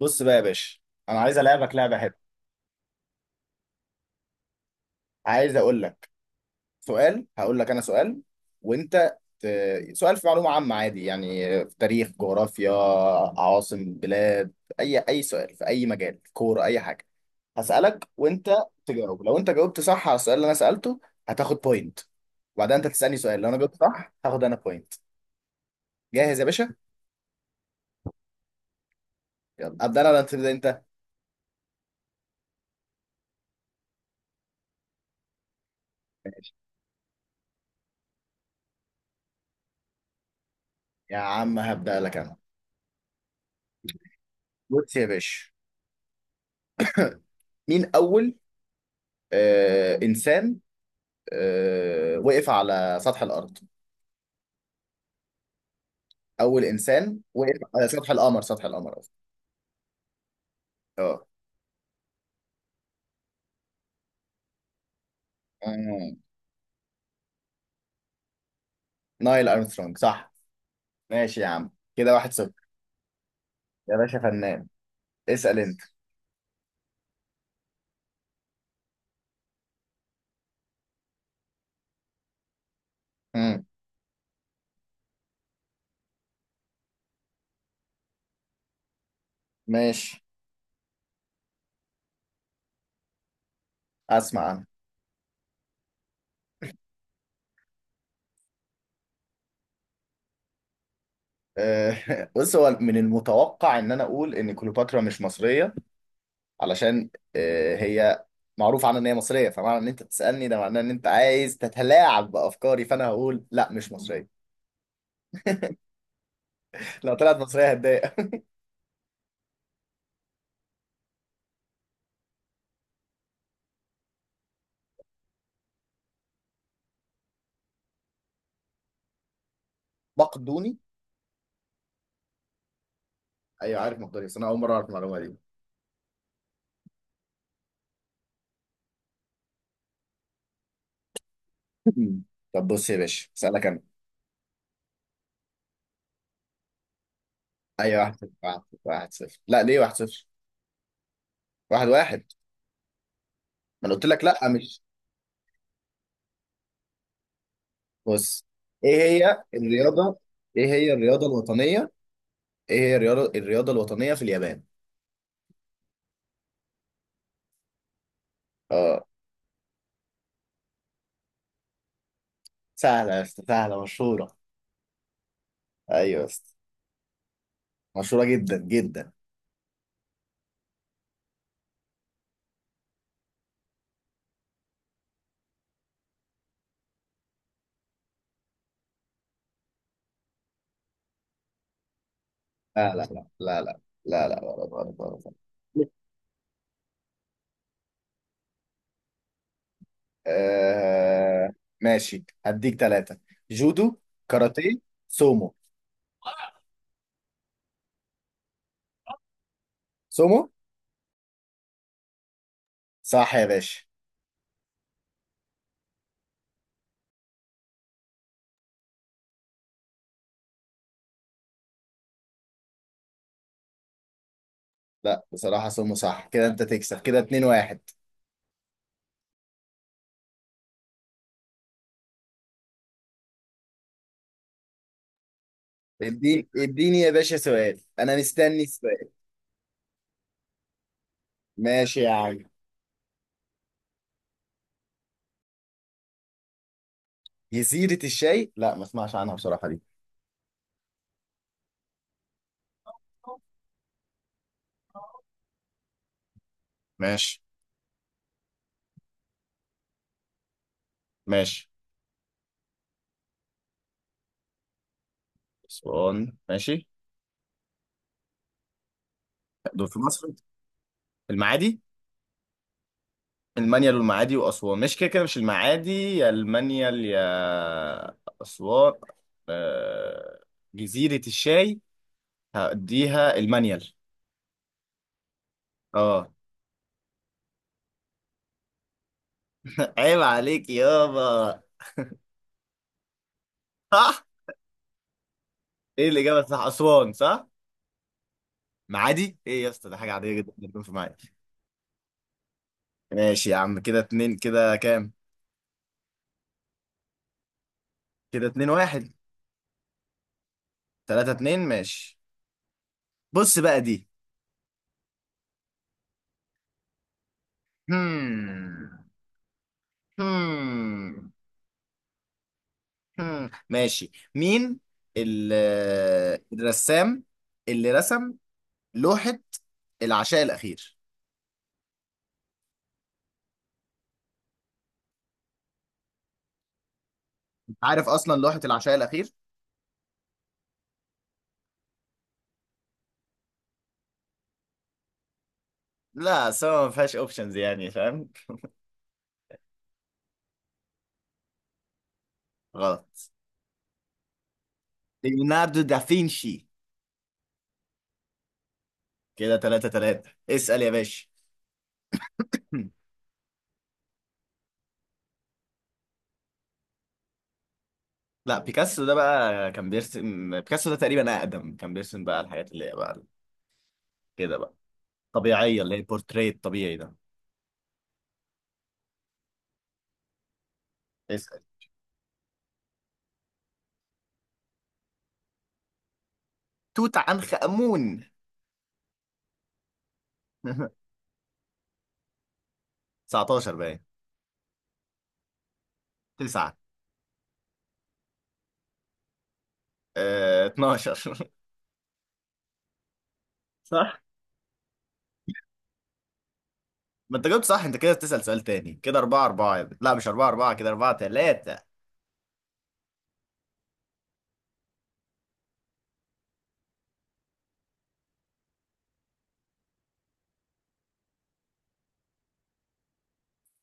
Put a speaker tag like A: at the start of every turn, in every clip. A: بص بقى يا باشا، انا عايز العبك لعبه حلوه. عايز اقول لك سؤال. هقول لك انا سؤال وانت سؤال في معلومه عامه عادي يعني، في تاريخ، جغرافيا، عواصم بلاد، اي سؤال في اي مجال، كوره، اي حاجه. هسالك وانت تجاوب. لو انت جاوبت صح على السؤال اللي انا سالته هتاخد بوينت، وبعدين انت تسالني سؤال، لو انا جاوبت صح هاخد انا بوينت. جاهز يا باشا؟ يلا ابدا انا ولا تبدا انت؟ يا عم هبدا لك انا. بص يا باشا، مين اول انسان، وقف على سطح الارض، اول انسان وقف على سطح القمر؟ سطح القمر قصدي. اه. آه، نايل ارمسترونج، صح؟ ماشي يا عم، كده واحد صفر. يا باشا فنان، اسال انت. مم. ماشي. اسمع انا. بص، هو من المتوقع ان انا اقول ان كليوباترا مش مصريه، علشان هي معروف عنها ان هي مصريه، فمعنى ان انت بتسالني ده معناه ان انت عايز تتلاعب بافكاري، فانا هقول لا مش مصريه. لو طلعت مصريه هتضايق. مقدوني؟ ايوه عارف مقدوني، بس انا اول مره اعرف المعلومه دي. مم. طب بص يا باشا اسالك انا. اي واحد صفر، واحد صفر واحد صفر، لا ليه واحد صفر؟ واحد واحد. ما انا قلت لك لا مش. بص، ايه هي الرياضه، ايه هي الرياضه الوطنيه، ايه هي الرياضه الوطنيه في اليابان؟ اه. سهله يا اسطى، سهله، مشهوره. ايوه يا اسطى، مشهوره جدا جدا. لا لا لا لا لا، لا لا، غلط غلط غلط. آه ماشي، هديك ثلاثه: جودو، كاراتيه، سومو. سومو؟ صح يا باشا. لا بصراحة سمو صح، كده انت تكسب، كده 2 1. اديني اديني يا باشا سؤال، انا مستني السؤال. ماشي يا عم. جزيرة الشاي؟ لا ما اسمعش عنها بصراحة دي. ماشي. ماشي، اسوان ماشي. دول في مصر؟ المعادي؟ المانيال والمعادي واسوان، مش كده كده مش المعادي، يا المانيال يا اسوان. آه، جزيرة الشاي، هديها المانيال. اه. عيب عليك يابا. صح؟ ايه الاجابة صح اسوان؟ صح. معادي ايه يا اسطى؟ ده حاجه عاديه جدا إن يكون في معادي. ماشي يا عم، كده اتنين كده، كام؟ كده اتنين واحد. تلاتة اتنين ماشي. بص بقى دي. هم هم هم ماشي، مين ال- الرسام اللي رسم لوحة العشاء الأخير؟ انت عارف أصلا لوحة العشاء الأخير؟ لا سوا، ما فيهاش اوبشنز يعني، فاهم؟ غلط. ليوناردو دافينشي. كده تلاتة تلاتة، اسأل يا باشا. لا بيكاسو ده بقى كان بيرسم، بيكاسو ده تقريبا اقدم، كان بيرسم بقى الحاجات اللي هي بقى كده بقى طبيعيه، اللي هي بورتريت طبيعي ده. اسال. توت عنخ امون. 19 باين. 9. اه 12. صح. ما انت جاوبت صح، انت كده بتسال سؤال تاني، كده 4 4، لا مش 4 4، كده 4 3.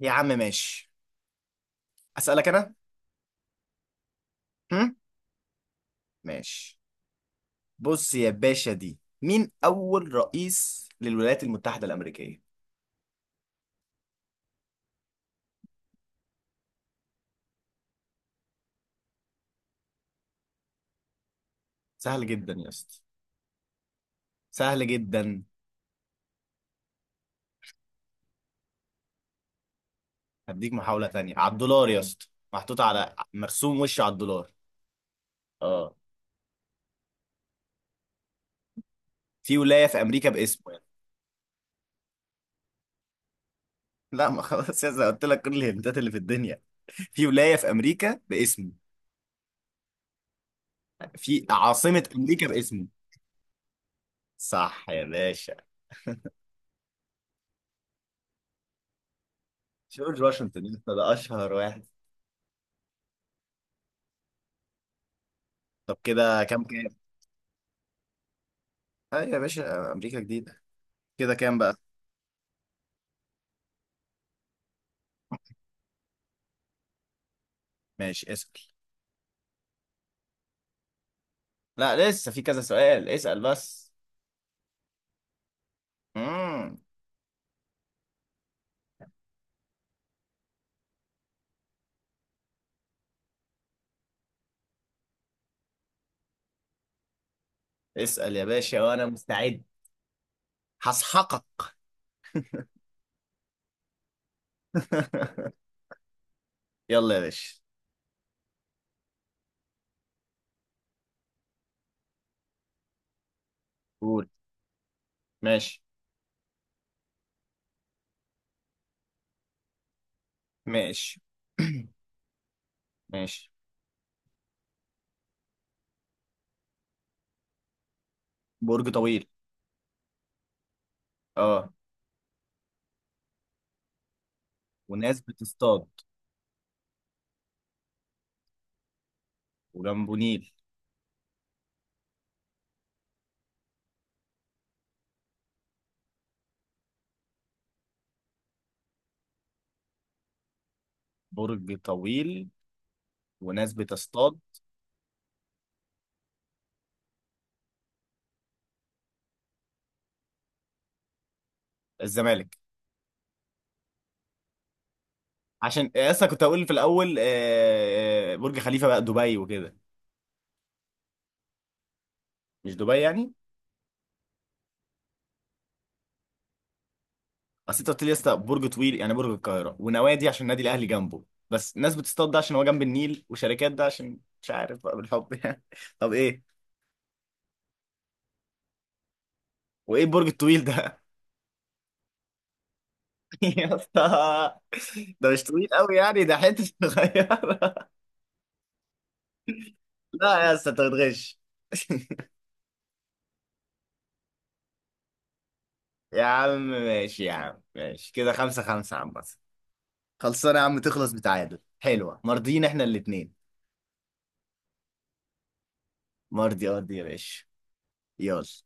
A: يا عم ماشي، اسالك انا. هم؟ ماشي. بص يا باشا دي، مين اول رئيس للولايات المتحده الامريكيه؟ سهل جدا يا اسطى، سهل جدا. هديك محاولة تانية، على الدولار يا اسطى، محطوط على مرسوم وش على الدولار. اه. في ولاية في أمريكا باسمه يعني. لا ما خلاص يا اسطى، قلت لك كل الهنتات اللي في الدنيا. في ولاية في أمريكا باسمه، في عاصمة أمريكا باسمه. صح يا باشا. جورج واشنطن يا اسطى ده أشهر واحد. طب كده كام كام؟ أيوة يا باشا، أمريكا جديدة. كده كام بقى؟ ماشي اسأل. لا لسه في كذا سؤال، اسأل بس. مم. اسأل يا باشا وأنا مستعد، هسحقك. يلا يا باشا. قول. ماشي. ماشي. ماشي. برج طويل. اه. وناس بتصطاد. وجنبه نيل. برج طويل، وناس بتصطاد. الزمالك. عشان اصلا كنت هقول في الاول برج خليفه بقى، دبي وكده. مش دبي يعني. اصل انت قلت لي يا اسطى برج طويل يعني برج القاهره، ونوادي عشان النادي الاهلي جنبه، بس ناس بتصطاد ده عشان هو جنب النيل، وشركات ده عشان مش عارف بقى، بالحب يعني. طب ايه؟ وايه البرج الطويل ده؟ يا اسطى ده مش طويل قوي يعني، ده حته صغيره. لا يا اسطى انت بتغش. يا عم ماشي، يا عم ماشي، كده خمسة خمسة يا عم بس، خلصانة يا عم، تخلص بتعادل حلوة، مرضيين احنا الاتنين. مرضي ارضي يا باشا. يلا.